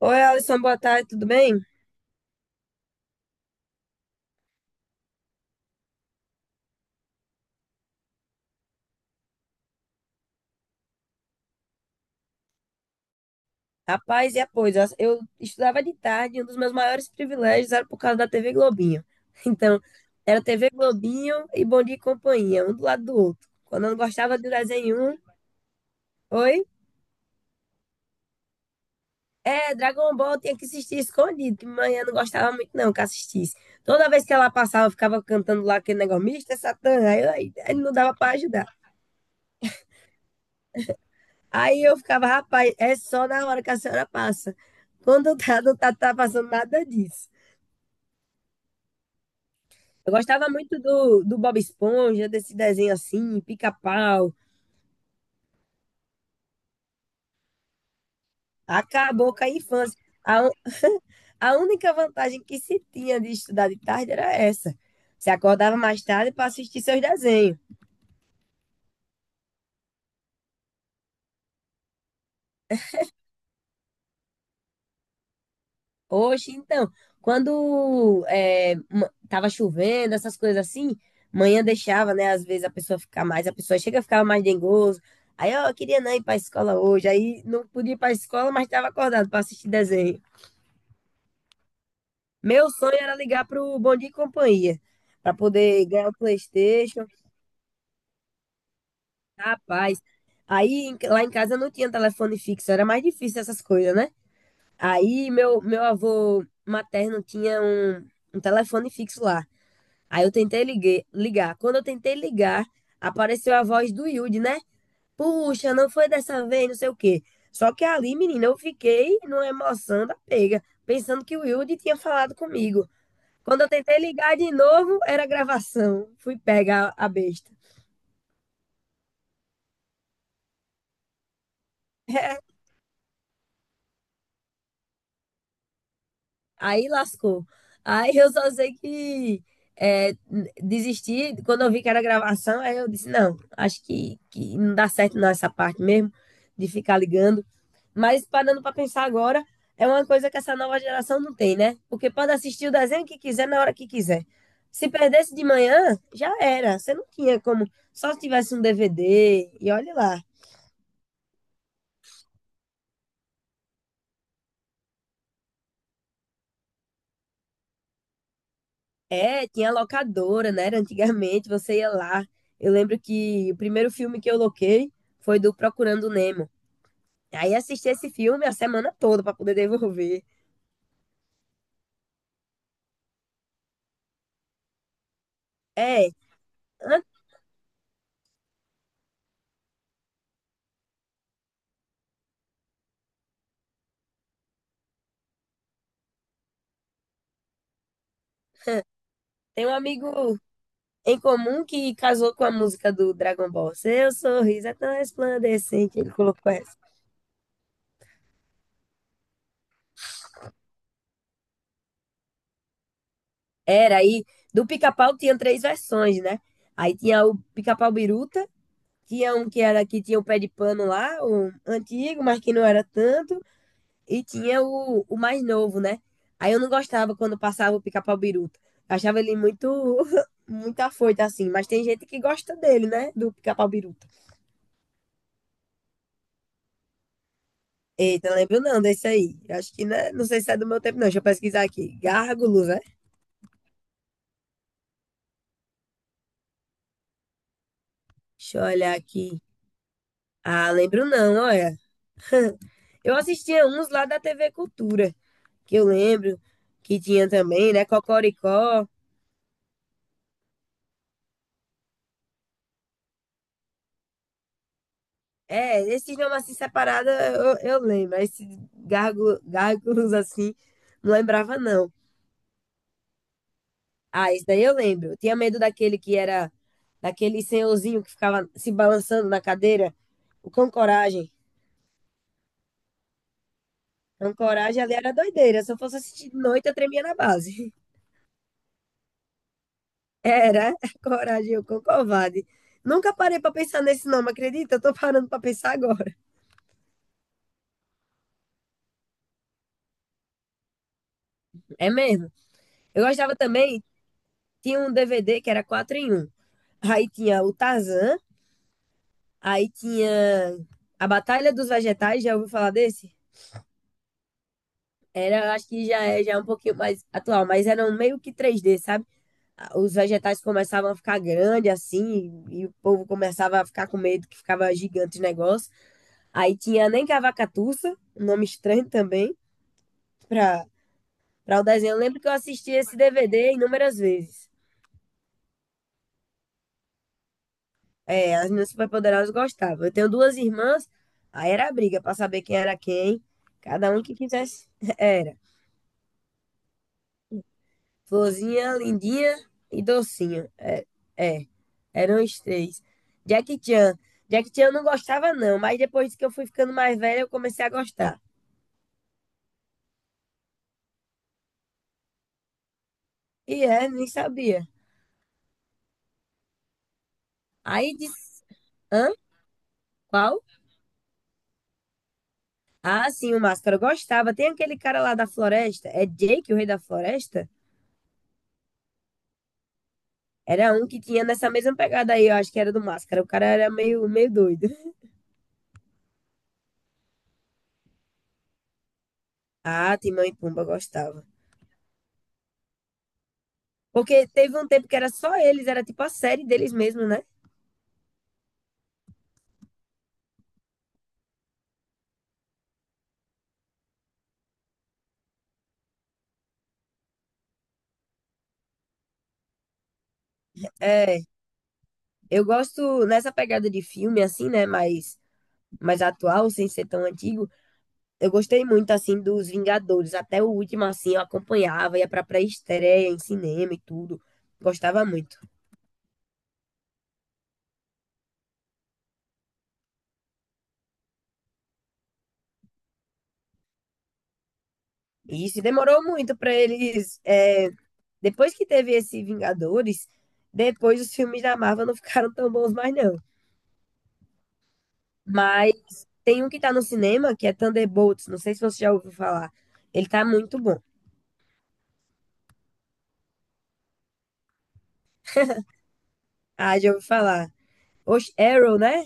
Oi, Alisson, boa tarde, tudo bem? Rapaz, e a coisa, eu estudava de tarde, e um dos meus maiores privilégios era por causa da TV Globinho. Então, era TV Globinho e Bom Dia e Companhia, um do lado do outro. Quando eu não gostava do desenho um, oi? É, Dragon Ball tinha que assistir escondido, que manhã não gostava muito não que assistisse. Toda vez que ela passava, eu ficava cantando lá aquele negócio, Mr. Satan, aí, aí não dava pra ajudar. Aí eu ficava, rapaz, é só na hora que a senhora passa. Quando tá, não tá, tá passando nada disso. Eu gostava muito do Bob Esponja, desse desenho assim, pica-pau. Acabou com a infância. A, un- a única vantagem que se tinha de estudar de tarde era essa. Você acordava mais tarde para assistir seus desenhos. Hoje, então, quando é, tava chovendo, essas coisas assim, manhã deixava, né? Às vezes a pessoa ficar mais, a pessoa chega a ficar mais dengoso. Aí, ó, eu queria não ir para a escola hoje. Aí não podia ir para a escola, mas estava acordado para assistir desenho. Meu sonho era ligar pro Bom Dia e Companhia, para poder ganhar o PlayStation. Rapaz, lá em casa não tinha telefone fixo, era mais difícil essas coisas, né? Aí meu avô materno tinha um telefone fixo lá. Aí eu tentei ligar. Quando eu tentei ligar, apareceu a voz do Yudi, né? Puxa, não foi dessa vez, não sei o quê. Só que ali, menina, eu fiquei numa emoção da pega, pensando que o Yudi tinha falado comigo. Quando eu tentei ligar de novo, era gravação. Fui pegar a besta. Aí lascou. Aí eu só sei que é, desisti. Quando eu vi que era gravação, aí eu disse: não, acho que não dá certo não essa parte mesmo, de ficar ligando. Mas parando para pensar agora, é uma coisa que essa nova geração não tem, né? Porque pode assistir o desenho que quiser na hora que quiser. Se perdesse de manhã, já era. Você não tinha como. Só se tivesse um DVD, e olhe lá. É, tinha locadora, né? Era antigamente você ia lá. Eu lembro que o primeiro filme que eu loquei foi do Procurando Nemo. Aí assisti esse filme a semana toda para poder devolver. É, an- Tem um amigo em comum que casou com a música do Dragon Ball. Seu sorriso é tão resplandecente, ele colocou essa. Era aí, do Pica-Pau tinha três versões, né? Aí tinha o Pica-Pau Biruta, tinha um que era que tinha o pé de pano lá, o antigo, mas que não era tanto. E tinha o mais novo, né? Aí eu não gostava quando passava o pica-pau biruta. Eu achava ele muito, muito afoito, assim. Mas tem gente que gosta dele, né? Do pica-pau biruta. Eita, não lembro não desse aí. Eu acho que né? Não sei se é do meu tempo, não. Deixa eu pesquisar aqui. Gárgulos, né? Deixa eu olhar aqui. Ah, lembro não, olha. Eu assistia uns lá da TV Cultura, que eu lembro que tinha também, né? Cocoricó. É, esse idioma assim separado eu lembro. Esse gárgulos assim, não lembrava, não. Ah, esse daí eu lembro. Eu tinha medo daquele que era, daquele senhorzinho que ficava se balançando na cadeira. O Cão Coragem. Cão Coragem ali era doideira. Se eu fosse assistir de noite, eu tremia na base. Era Coragem, o Cão Covarde. Nunca parei pra pensar nesse nome, acredita? Eu tô parando pra pensar agora. É mesmo. Eu gostava também, tinha um DVD que era 4 em um. Aí tinha o Tarzan. Aí tinha a Batalha dos Vegetais, já ouviu falar desse? Era, acho que já é um pouquinho mais atual, mas era um meio que 3D, sabe? Ah, os vegetais começavam a ficar grandes assim, e o povo começava a ficar com medo que ficava gigante o negócio. Aí tinha Nem que a Cavacatuça, um nome estranho também, pra, pra o desenho. Eu lembro que eu assisti esse DVD inúmeras vezes. É, as minhas superpoderosas gostavam. Eu tenho duas irmãs, aí era briga pra saber quem era quem, cada um que quisesse. Era. Florzinha, lindinha e docinho. É, eram os três. Jack Chan. Jack Chan eu não gostava, não, mas depois que eu fui ficando mais velha, eu comecei a gostar. E é, nem sabia. Aí disse, hã? Qual? Ah, sim, o Máscara eu gostava. Tem aquele cara lá da floresta. É Jake, o rei da floresta? Era um que tinha nessa mesma pegada aí, eu acho que era do Máscara. O cara era meio doido. Ah, Timão e Pumba eu gostava. Porque teve um tempo que era só eles, era tipo a série deles mesmo, né? É, eu gosto nessa pegada de filme, assim, né? Mais atual, sem ser tão antigo. Eu gostei muito, assim, dos Vingadores. Até o último, assim, eu acompanhava, ia pra pré-estreia em cinema e tudo. Gostava muito. E isso demorou muito pra eles. Depois que teve esse Vingadores, depois os filmes da Marvel não ficaram tão bons mais, não. Mas tem um que tá no cinema, que é Thunderbolts. Não sei se você já ouviu falar. Ele tá muito bom. Ah, já ouvi falar. Oxe, Arrow, né?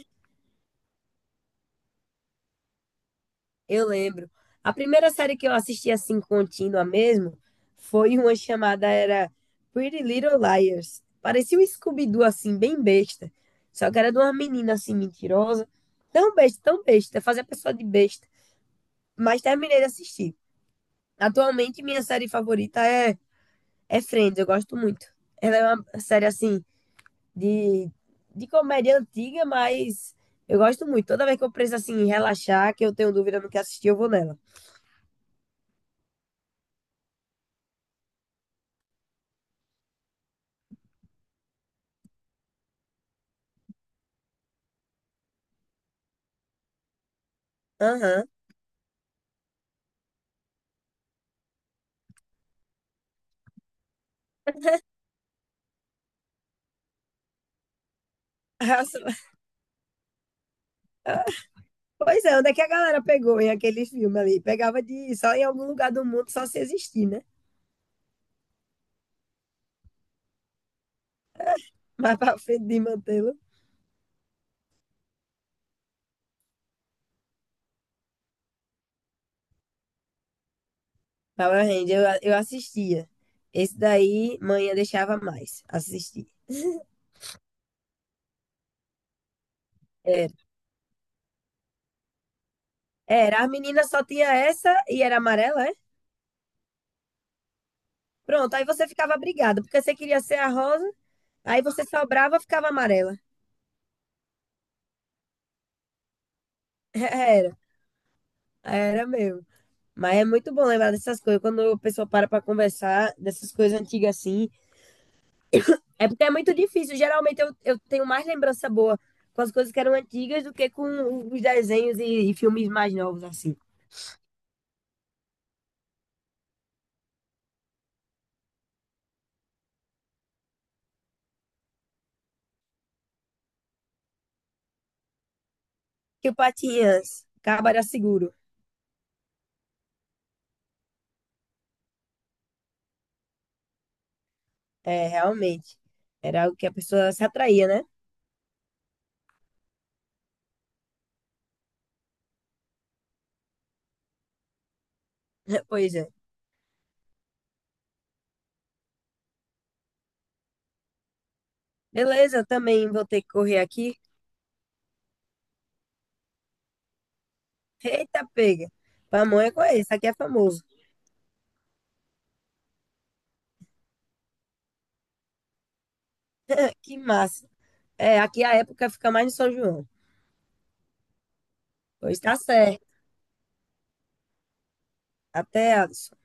Eu lembro. A primeira série que eu assisti assim contínua mesmo foi uma chamada era Pretty Little Liars. Parecia um Scooby-Doo assim bem besta. Só que era de uma menina assim mentirosa, tão besta, fazer a pessoa de besta. Mas terminei de assistir. Atualmente minha série favorita é Friends, eu gosto muito. Ela é uma série assim de de comédia antiga, mas eu gosto muito. Toda vez que eu preciso assim relaxar, que eu tenho dúvida no que assistir, eu vou nela. Aham. Racionais. Pois é, onde é que a galera pegou em aquele filme ali? Pegava de só em algum lugar do mundo, só se existir, né? Mas pra frente de mantê-lo. Power Ranger, eu assistia. Esse daí, manhã deixava mais assistir. Era. Era, a menina só tinha essa e era amarela, é? Pronto, aí você ficava brigada, porque você queria ser a rosa, aí você sobrava, ficava amarela. Era, era mesmo. Mas é muito bom lembrar dessas coisas, quando a pessoa para pra conversar dessas coisas antigas assim, é porque é muito difícil. Geralmente eu tenho mais lembrança boa com as coisas que eram antigas do que com os desenhos e filmes mais novos, assim. Que o Patinhas, Cabo seguro. É, realmente. Era algo que a pessoa se atraía, né? Pois é. Beleza, eu também vou ter que correr aqui. Eita, pega. Pamonha é com esse, aqui é famoso. Que massa. É, aqui a época fica mais no São João. Pois tá certo. Até, Alisson.